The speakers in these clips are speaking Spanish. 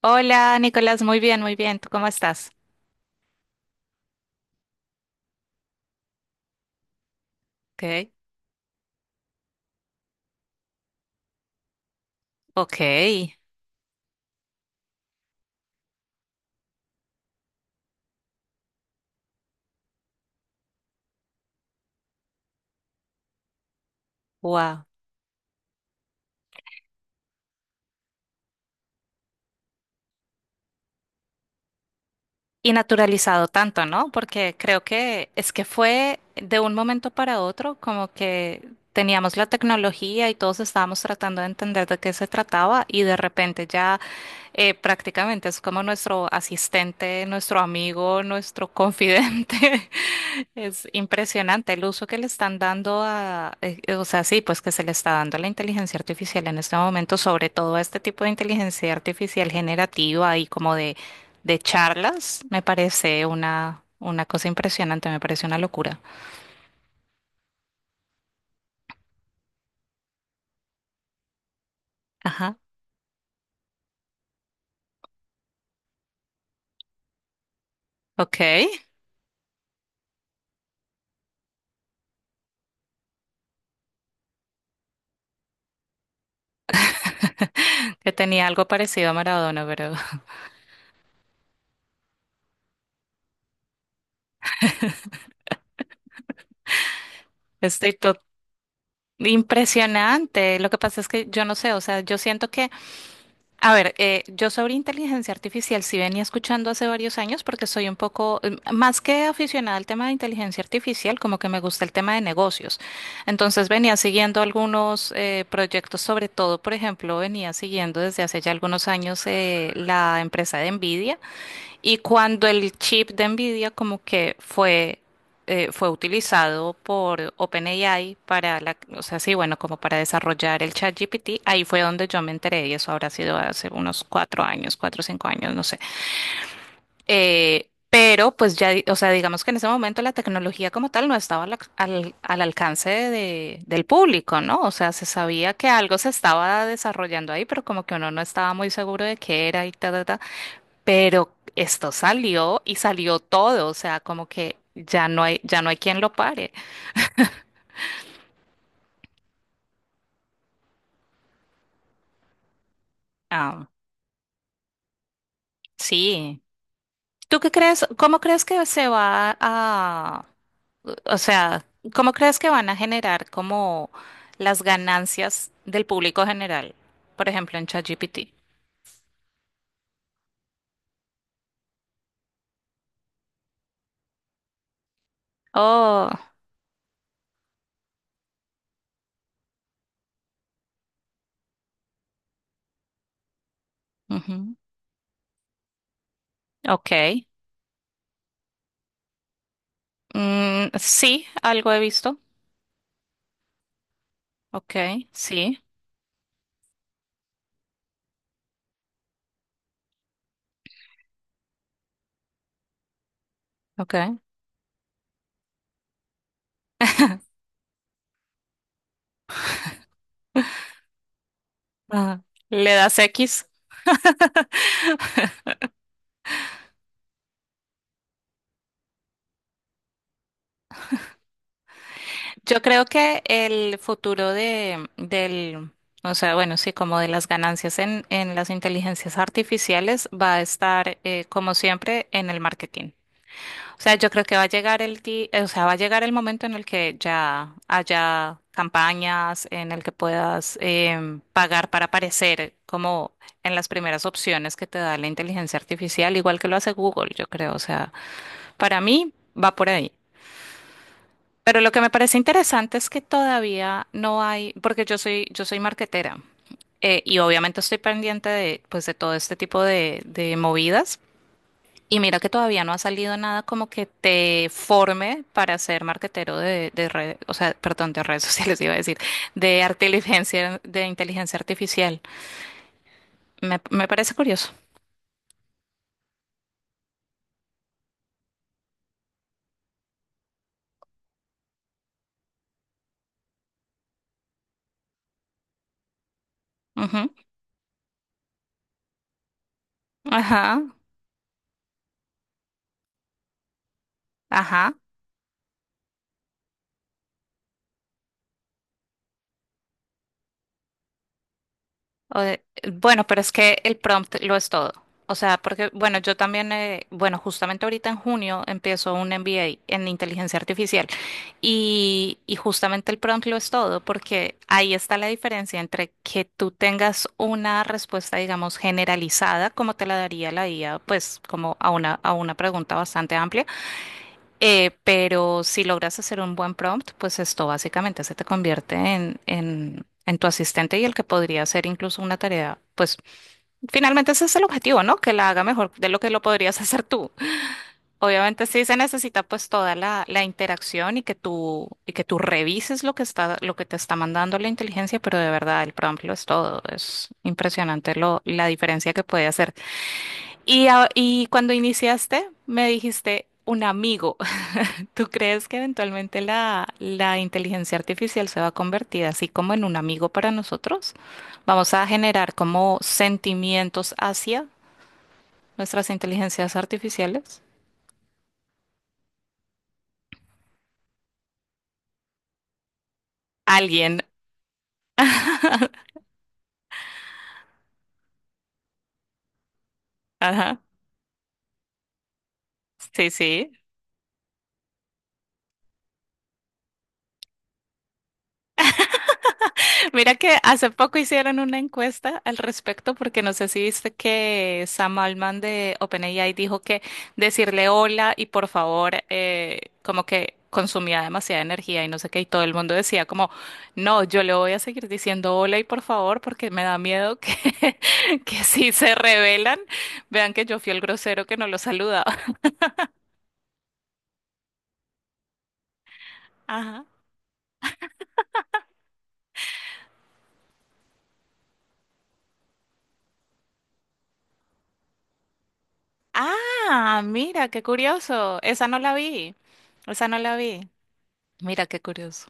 Hola, Nicolás, muy bien, muy bien. ¿Tú cómo estás? Ok, ok, wow. Y naturalizado tanto, ¿no? Porque creo que es que fue de un momento para otro como que teníamos la tecnología y todos estábamos tratando de entender de qué se trataba y de repente ya prácticamente es como nuestro asistente, nuestro amigo, nuestro confidente. Es impresionante el uso que le están dando a, o sea, sí, pues que se le está dando a la inteligencia artificial en este momento, sobre todo a este tipo de inteligencia artificial generativa y como de charlas, me parece una cosa impresionante, me parece una locura. Ajá, ok, que tenía algo parecido a Maradona, pero estoy to- impresionante. Lo que pasa es que yo no sé, o sea, yo siento que a ver, yo sobre inteligencia artificial sí venía escuchando hace varios años porque soy un poco, más que aficionada al tema de inteligencia artificial, como que me gusta el tema de negocios. Entonces venía siguiendo algunos proyectos, sobre todo, por ejemplo, venía siguiendo desde hace ya algunos años la empresa de Nvidia. Y cuando el chip de Nvidia como que fue, fue utilizado por OpenAI para la, o sea, sí, bueno, como para desarrollar el ChatGPT, ahí fue donde yo me enteré y eso habrá sido hace unos cuatro años, cuatro o cinco años, no sé. Pero pues ya, o sea, digamos que en ese momento la tecnología como tal no estaba al, al alcance del público, ¿no? O sea, se sabía que algo se estaba desarrollando ahí, pero como que uno no estaba muy seguro de qué era y tal, pero esto salió y salió todo, o sea, como que ya no hay quien lo pare. Ah, sí. ¿Tú qué crees? ¿Cómo crees que se va a, o sea, cómo crees que van a generar como las ganancias del público general? Por ejemplo, en ChatGPT. Oh, ujú, ok. Mm, sí, algo he visto. Ok, sí, ok. Ajá. Le das X. Yo creo que el futuro de, del, o sea, bueno, sí, como de las ganancias en las inteligencias artificiales va a estar, como siempre, en el marketing. O sea, yo creo que va a llegar el o sea, va a llegar el momento en el que ya haya campañas, en el que puedas pagar para aparecer como en las primeras opciones que te da la inteligencia artificial, igual que lo hace Google, yo creo. O sea, para mí va por ahí. Pero lo que me parece interesante es que todavía no hay, porque yo soy marketera y obviamente estoy pendiente de, pues, de todo este tipo de movidas. Y mira que todavía no ha salido nada como que te forme para ser marketero de redes, o sea, perdón, de redes sociales iba a decir, de inteligencia artificial. Me parece curioso. Ujú. Ajá, ajá. O de- bueno, pero es que el prompt lo es todo. O sea, porque, bueno, yo también, bueno, justamente ahorita en junio empiezo un MBA en inteligencia artificial y justamente el prompt lo es todo, porque ahí está la diferencia entre que tú tengas una respuesta, digamos, generalizada, como te la daría la IA, pues como a una pregunta bastante amplia pero si logras hacer un buen prompt, pues esto básicamente se te convierte en tu asistente y el que podría hacer incluso una tarea. Pues finalmente ese es el objetivo, ¿no? Que la haga mejor de lo que lo podrías hacer tú. Obviamente sí se necesita pues toda la, la interacción y que tú revises lo que está, lo que te está mandando la inteligencia, pero de verdad el prompt lo es todo. Es impresionante lo, la diferencia que puede hacer. Y, y cuando iniciaste, me dijiste un amigo. ¿Tú crees que eventualmente la, la inteligencia artificial se va a convertir así como en un amigo para nosotros? ¿Vamos a generar como sentimientos hacia nuestras inteligencias artificiales? ¿Alguien? Ajá. Sí, sí. Mira que hace poco hicieron una encuesta al respecto, porque no sé si viste que Sam Altman de OpenAI dijo que decirle hola y por favor, como que consumía demasiada energía y no sé qué, y todo el mundo decía como, no, yo le voy a seguir diciendo hola y por favor, porque me da miedo que, que si se rebelan, vean que yo fui el grosero que no lo saludaba. Ajá. Ah, mira, qué curioso. Esa no la vi. Esa no la vi. Mira, qué curioso.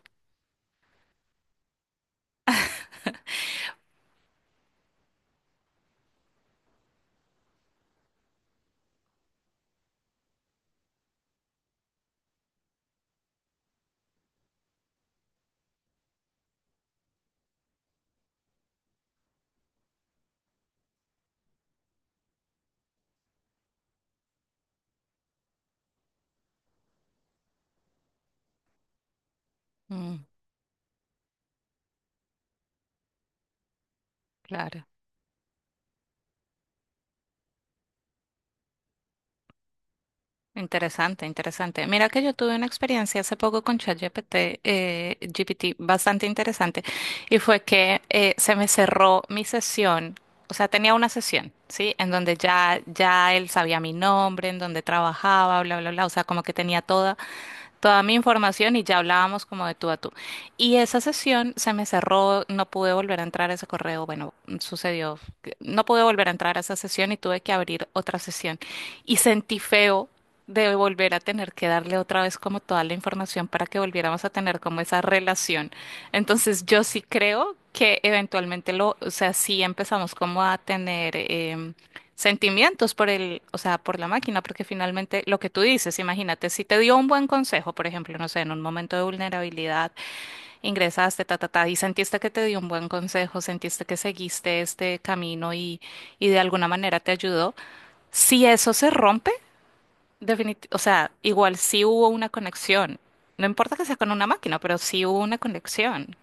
Claro, interesante, interesante. Mira que yo tuve una experiencia hace poco con ChatGPT, GPT, bastante interesante, y fue que se me cerró mi sesión, o sea, tenía una sesión, ¿sí? En donde ya, ya él sabía mi nombre, en donde trabajaba, bla, bla, bla, o sea, como que tenía toda toda mi información y ya hablábamos como de tú a tú. Y esa sesión se me cerró, no pude volver a entrar a ese correo, bueno, sucedió, que no pude volver a entrar a esa sesión y tuve que abrir otra sesión. Y sentí feo de volver a tener que darle otra vez como toda la información para que volviéramos a tener como esa relación. Entonces yo sí creo que eventualmente lo, o sea, sí empezamos como a tener... sentimientos por el, o sea, por la máquina, porque finalmente lo que tú dices, imagínate, si te dio un buen consejo, por ejemplo, no sé, en un momento de vulnerabilidad, ingresaste, ta, ta, ta, y sentiste que te dio un buen consejo, sentiste que seguiste este camino y de alguna manera te ayudó, si eso se rompe, o sea, igual sí hubo una conexión, no importa que sea con una máquina, pero sí hubo una conexión.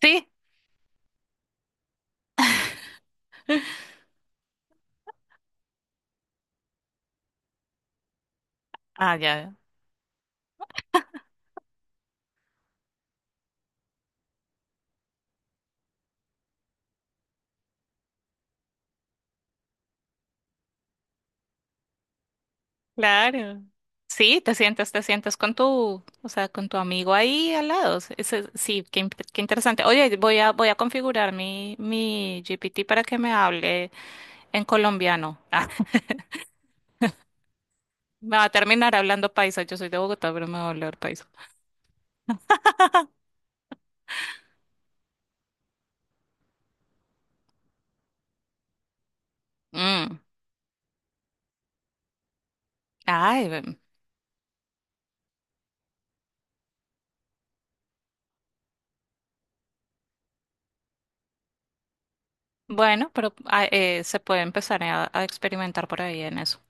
Sí. Ah, ya. Claro. Sí, te sientas con tu, o sea, con tu amigo ahí al lado. Sí, qué, qué interesante. Oye, voy a, voy a configurar mi, mi GPT para que me hable en colombiano. Ah, me va a terminar hablando paisa. Yo soy de Bogotá, pero me va a hablar paisa. Mm, Ay, ve- bueno, pero se puede empezar a experimentar por ahí en eso.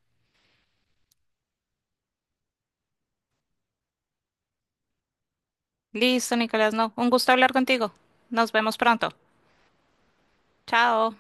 Listo, Nicolás, no. Un gusto hablar contigo. Nos vemos pronto. Chao.